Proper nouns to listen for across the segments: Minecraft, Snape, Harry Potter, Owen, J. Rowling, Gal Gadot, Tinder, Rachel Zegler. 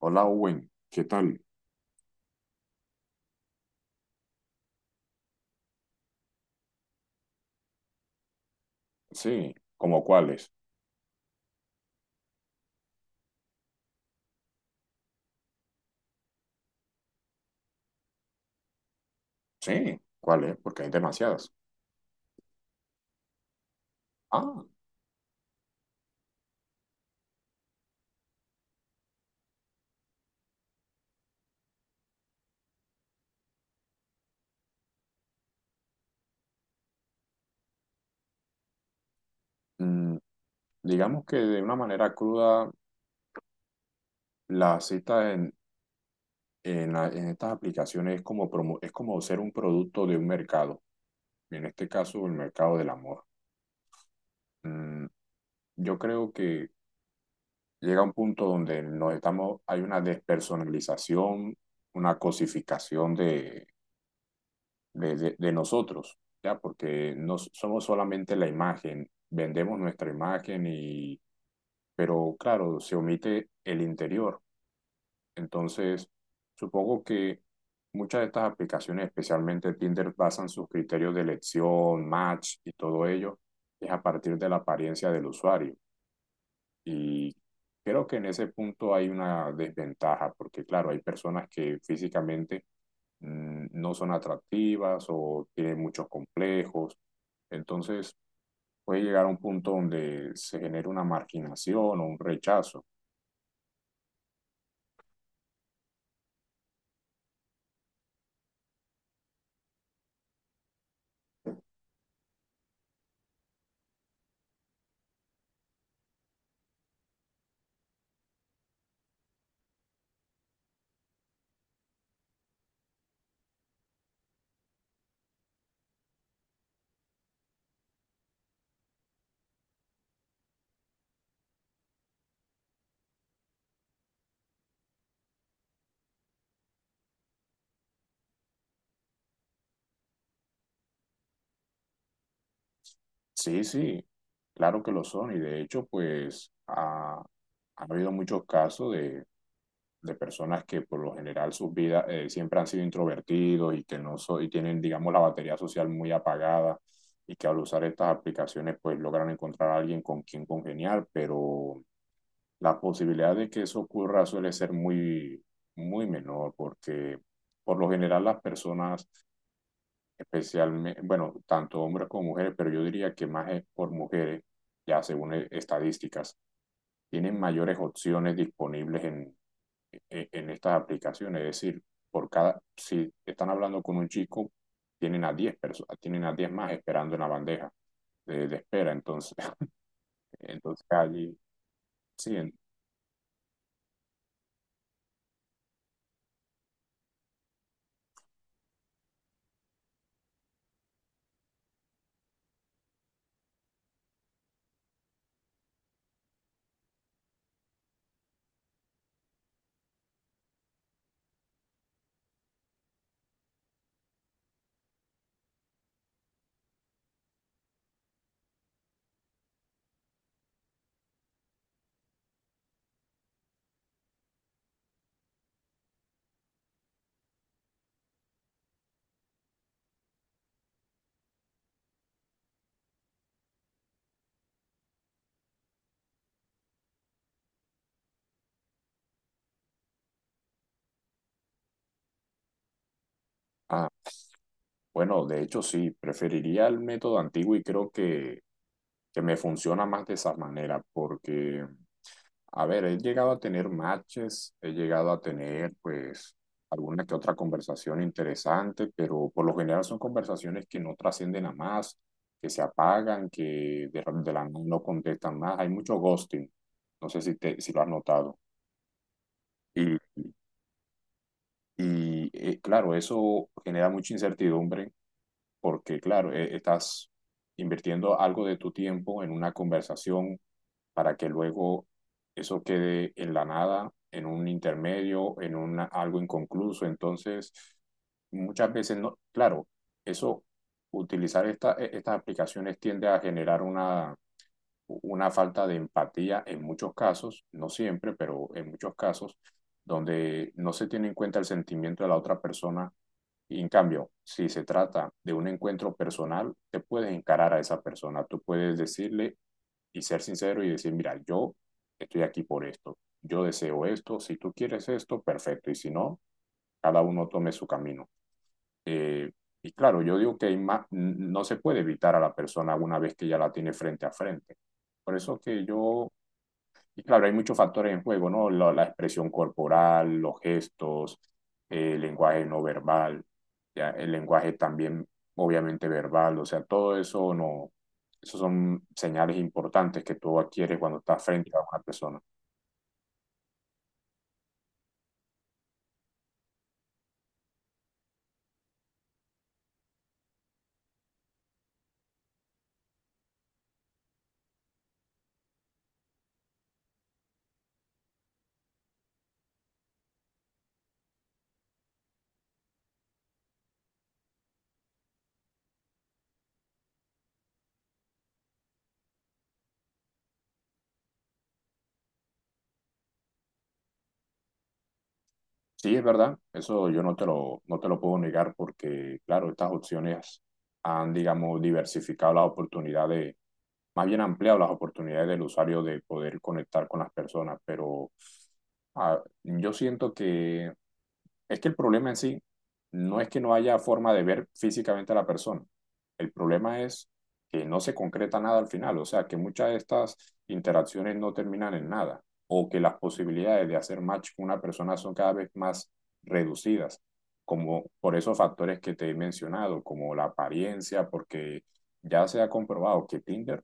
Hola, Owen, ¿qué tal? Sí, ¿como cuáles? Sí, ¿cuáles? Porque hay demasiadas. Ah, mm, digamos que de una manera cruda, la cita en estas aplicaciones es como, es como ser un producto de un mercado, y en este caso el mercado del amor. Mm, yo creo que llega un punto donde nos estamos, hay una despersonalización, una cosificación de nosotros, ¿ya? Porque no somos solamente la imagen, vendemos nuestra imagen y, pero claro, se omite el interior. Entonces, supongo que muchas de estas aplicaciones, especialmente Tinder, basan sus criterios de elección, match y todo ello, es a partir de la apariencia del usuario. Y creo que en ese punto hay una desventaja, porque claro, hay personas que físicamente no son atractivas o tienen muchos complejos. Entonces puede llegar a un punto donde se genera una marginación o un rechazo. Sí, sí, claro que lo son y de hecho pues ha habido muchos casos de personas que por lo general sus vidas siempre han sido introvertidos y que no so- y tienen, digamos, la batería social muy apagada y que al usar estas aplicaciones pues logran encontrar a alguien con quien congeniar, pero la posibilidad de que eso ocurra suele ser muy, muy menor porque por lo general las personas, especialmente, bueno, tanto hombres como mujeres, pero yo diría que más es por mujeres, ya según estadísticas, tienen mayores opciones disponibles en estas aplicaciones. Es decir, por cada, si están hablando con un chico, tienen a 10 personas, tienen a 10 más esperando en la bandeja de espera. Entonces, entonces allí, sí, bueno, de hecho sí, preferiría el método antiguo y creo que me funciona más de esa manera porque, a ver, he llegado a tener matches, he llegado a tener pues alguna que otra conversación interesante, pero por lo general son conversaciones que no trascienden a más, que se apagan, que de la no contestan más, hay mucho ghosting, no sé si, te, si lo has notado. Y, y claro, eso genera mucha incertidumbre porque claro, estás invirtiendo algo de tu tiempo en una conversación para que luego eso quede en la nada, en un intermedio, en una, algo inconcluso. Entonces, muchas veces no, claro, eso, utilizar estas aplicaciones tiende a generar una falta de empatía en muchos casos, no siempre, pero en muchos casos, donde no se tiene en cuenta el sentimiento de la otra persona y en cambio, si se trata de un encuentro personal, te puedes encarar a esa persona, tú puedes decirle y ser sincero y decir, mira, yo estoy aquí por esto, yo deseo esto, si tú quieres esto, perfecto, y si no, cada uno tome su camino. Eh, y claro, yo digo que hay más, no se puede evitar a la persona una vez que ya la tiene frente a frente. Por eso que yo y claro, hay muchos factores en juego, ¿no? La expresión corporal, los gestos, el lenguaje no verbal, ya, el lenguaje también obviamente verbal, o sea, todo eso no, esos son señales importantes que tú adquieres cuando estás frente a una persona. Sí, es verdad, eso yo no te lo puedo negar porque, claro, estas opciones han, digamos, diversificado la oportunidad de, más bien ampliado las oportunidades del usuario de poder conectar con las personas, pero yo siento que es que el problema en sí no es que no haya forma de ver físicamente a la persona, el problema es que no se concreta nada al final, o sea, que muchas de estas interacciones no terminan en nada, o que las posibilidades de hacer match con una persona son cada vez más reducidas, como por esos factores que te he mencionado, como la apariencia, porque ya se ha comprobado que Tinder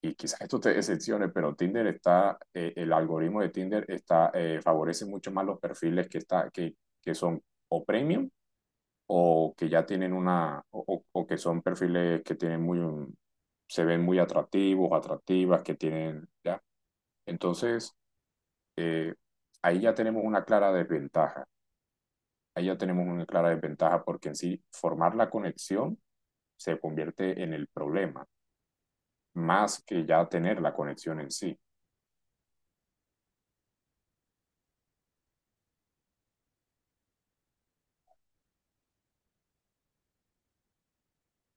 y quizás esto te decepcione, pero Tinder está, el algoritmo de Tinder está, favorece mucho más los perfiles que son o premium o que ya tienen una, o que son perfiles que tienen se ven muy atractivos, atractivas, que tienen, ya. Entonces, eh, ahí ya tenemos una clara desventaja. Ahí ya tenemos una clara desventaja porque en sí formar la conexión se convierte en el problema, más que ya tener la conexión en sí.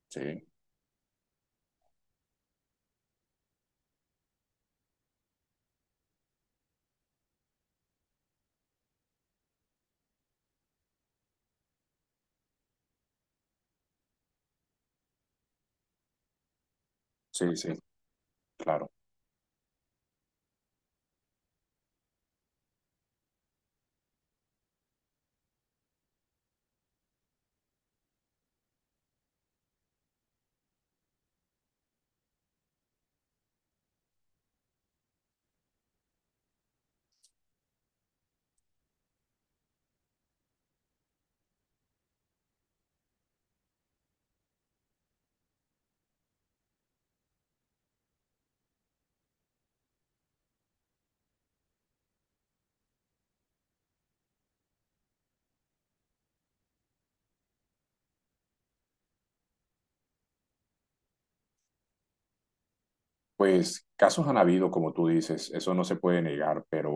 Sí, sí, sí. Claro, pues casos han habido, como tú dices, eso no se puede negar, pero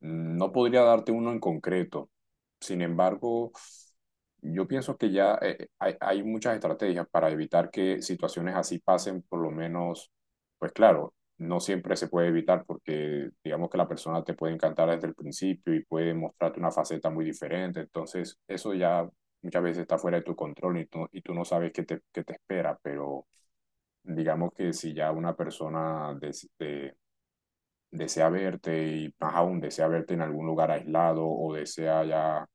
no podría darte uno en concreto. Sin embargo, yo pienso que ya hay muchas estrategias para evitar que situaciones así pasen, por lo menos, pues claro, no siempre se puede evitar porque digamos que la persona te puede encantar desde el principio y puede mostrarte una faceta muy diferente, entonces eso ya muchas veces está fuera de tu control y tú no sabes qué te espera, pero, digamos que si ya una persona desea verte y más aún desea verte en algún lugar aislado o desea ya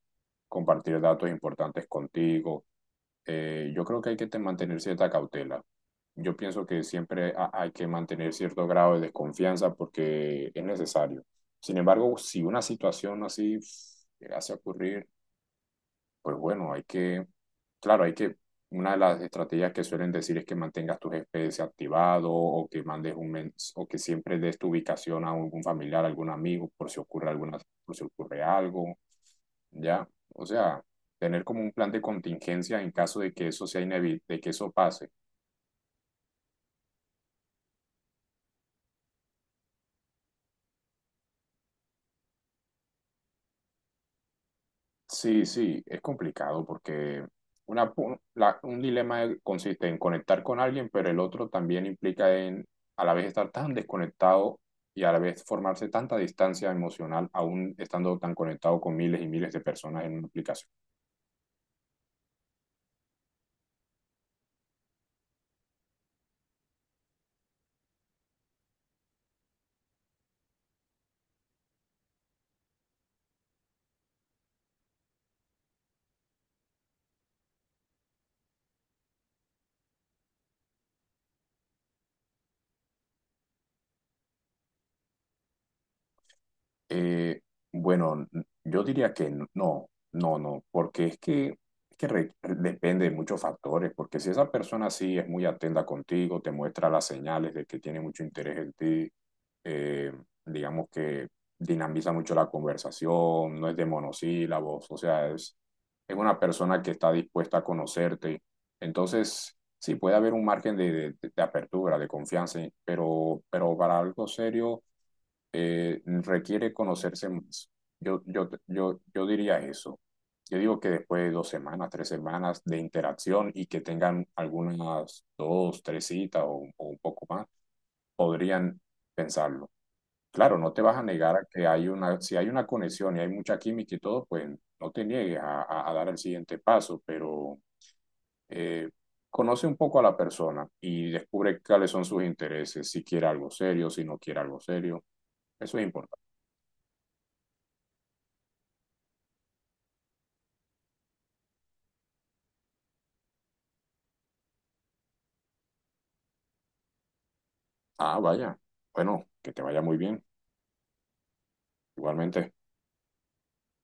compartir datos importantes contigo, yo creo que hay que mantener cierta cautela. Yo pienso que siempre hay que mantener cierto grado de desconfianza porque es necesario. Sin embargo, si una situación así pff, llegase a ocurrir, pues bueno, hay que, claro, hay que, una de las estrategias que suelen decir es que mantengas tus GPS activado o que mandes un mens o que siempre des tu ubicación a algún familiar, algún amigo, por si ocurre alguna, por si ocurre algo, ya. O sea, tener como un plan de contingencia en caso de que eso sea de que eso pase. Sí, sí, es complicado porque un dilema consiste en conectar con alguien, pero el otro también implica en a la vez estar tan desconectado y a la vez formarse tanta distancia emocional, aún estando tan conectado con miles y miles de personas en una aplicación. Eh, bueno, yo diría que no, no, no, porque es que depende de muchos factores, porque si esa persona sí es muy atenta contigo, te muestra las señales de que tiene mucho interés en ti, eh, digamos que dinamiza mucho la conversación, no es de monosílabos, o sea, es una persona que está dispuesta a conocerte, entonces sí puede haber un margen de, de apertura, de confianza, pero para algo serio requiere conocerse más. Yo diría eso. Yo digo que después de dos semanas, tres semanas de interacción y que tengan algunas dos, tres citas o un poco más, podrían pensarlo. Claro, no te vas a negar a que hay una, si hay una conexión y hay mucha química y todo, pues no te niegues a, a dar el siguiente paso, pero eh, conoce un poco a la persona y descubre cuáles son sus intereses, si quiere algo serio, si no quiere algo serio. Eso es importante. Ah, vaya. Bueno, que te vaya muy bien. Igualmente.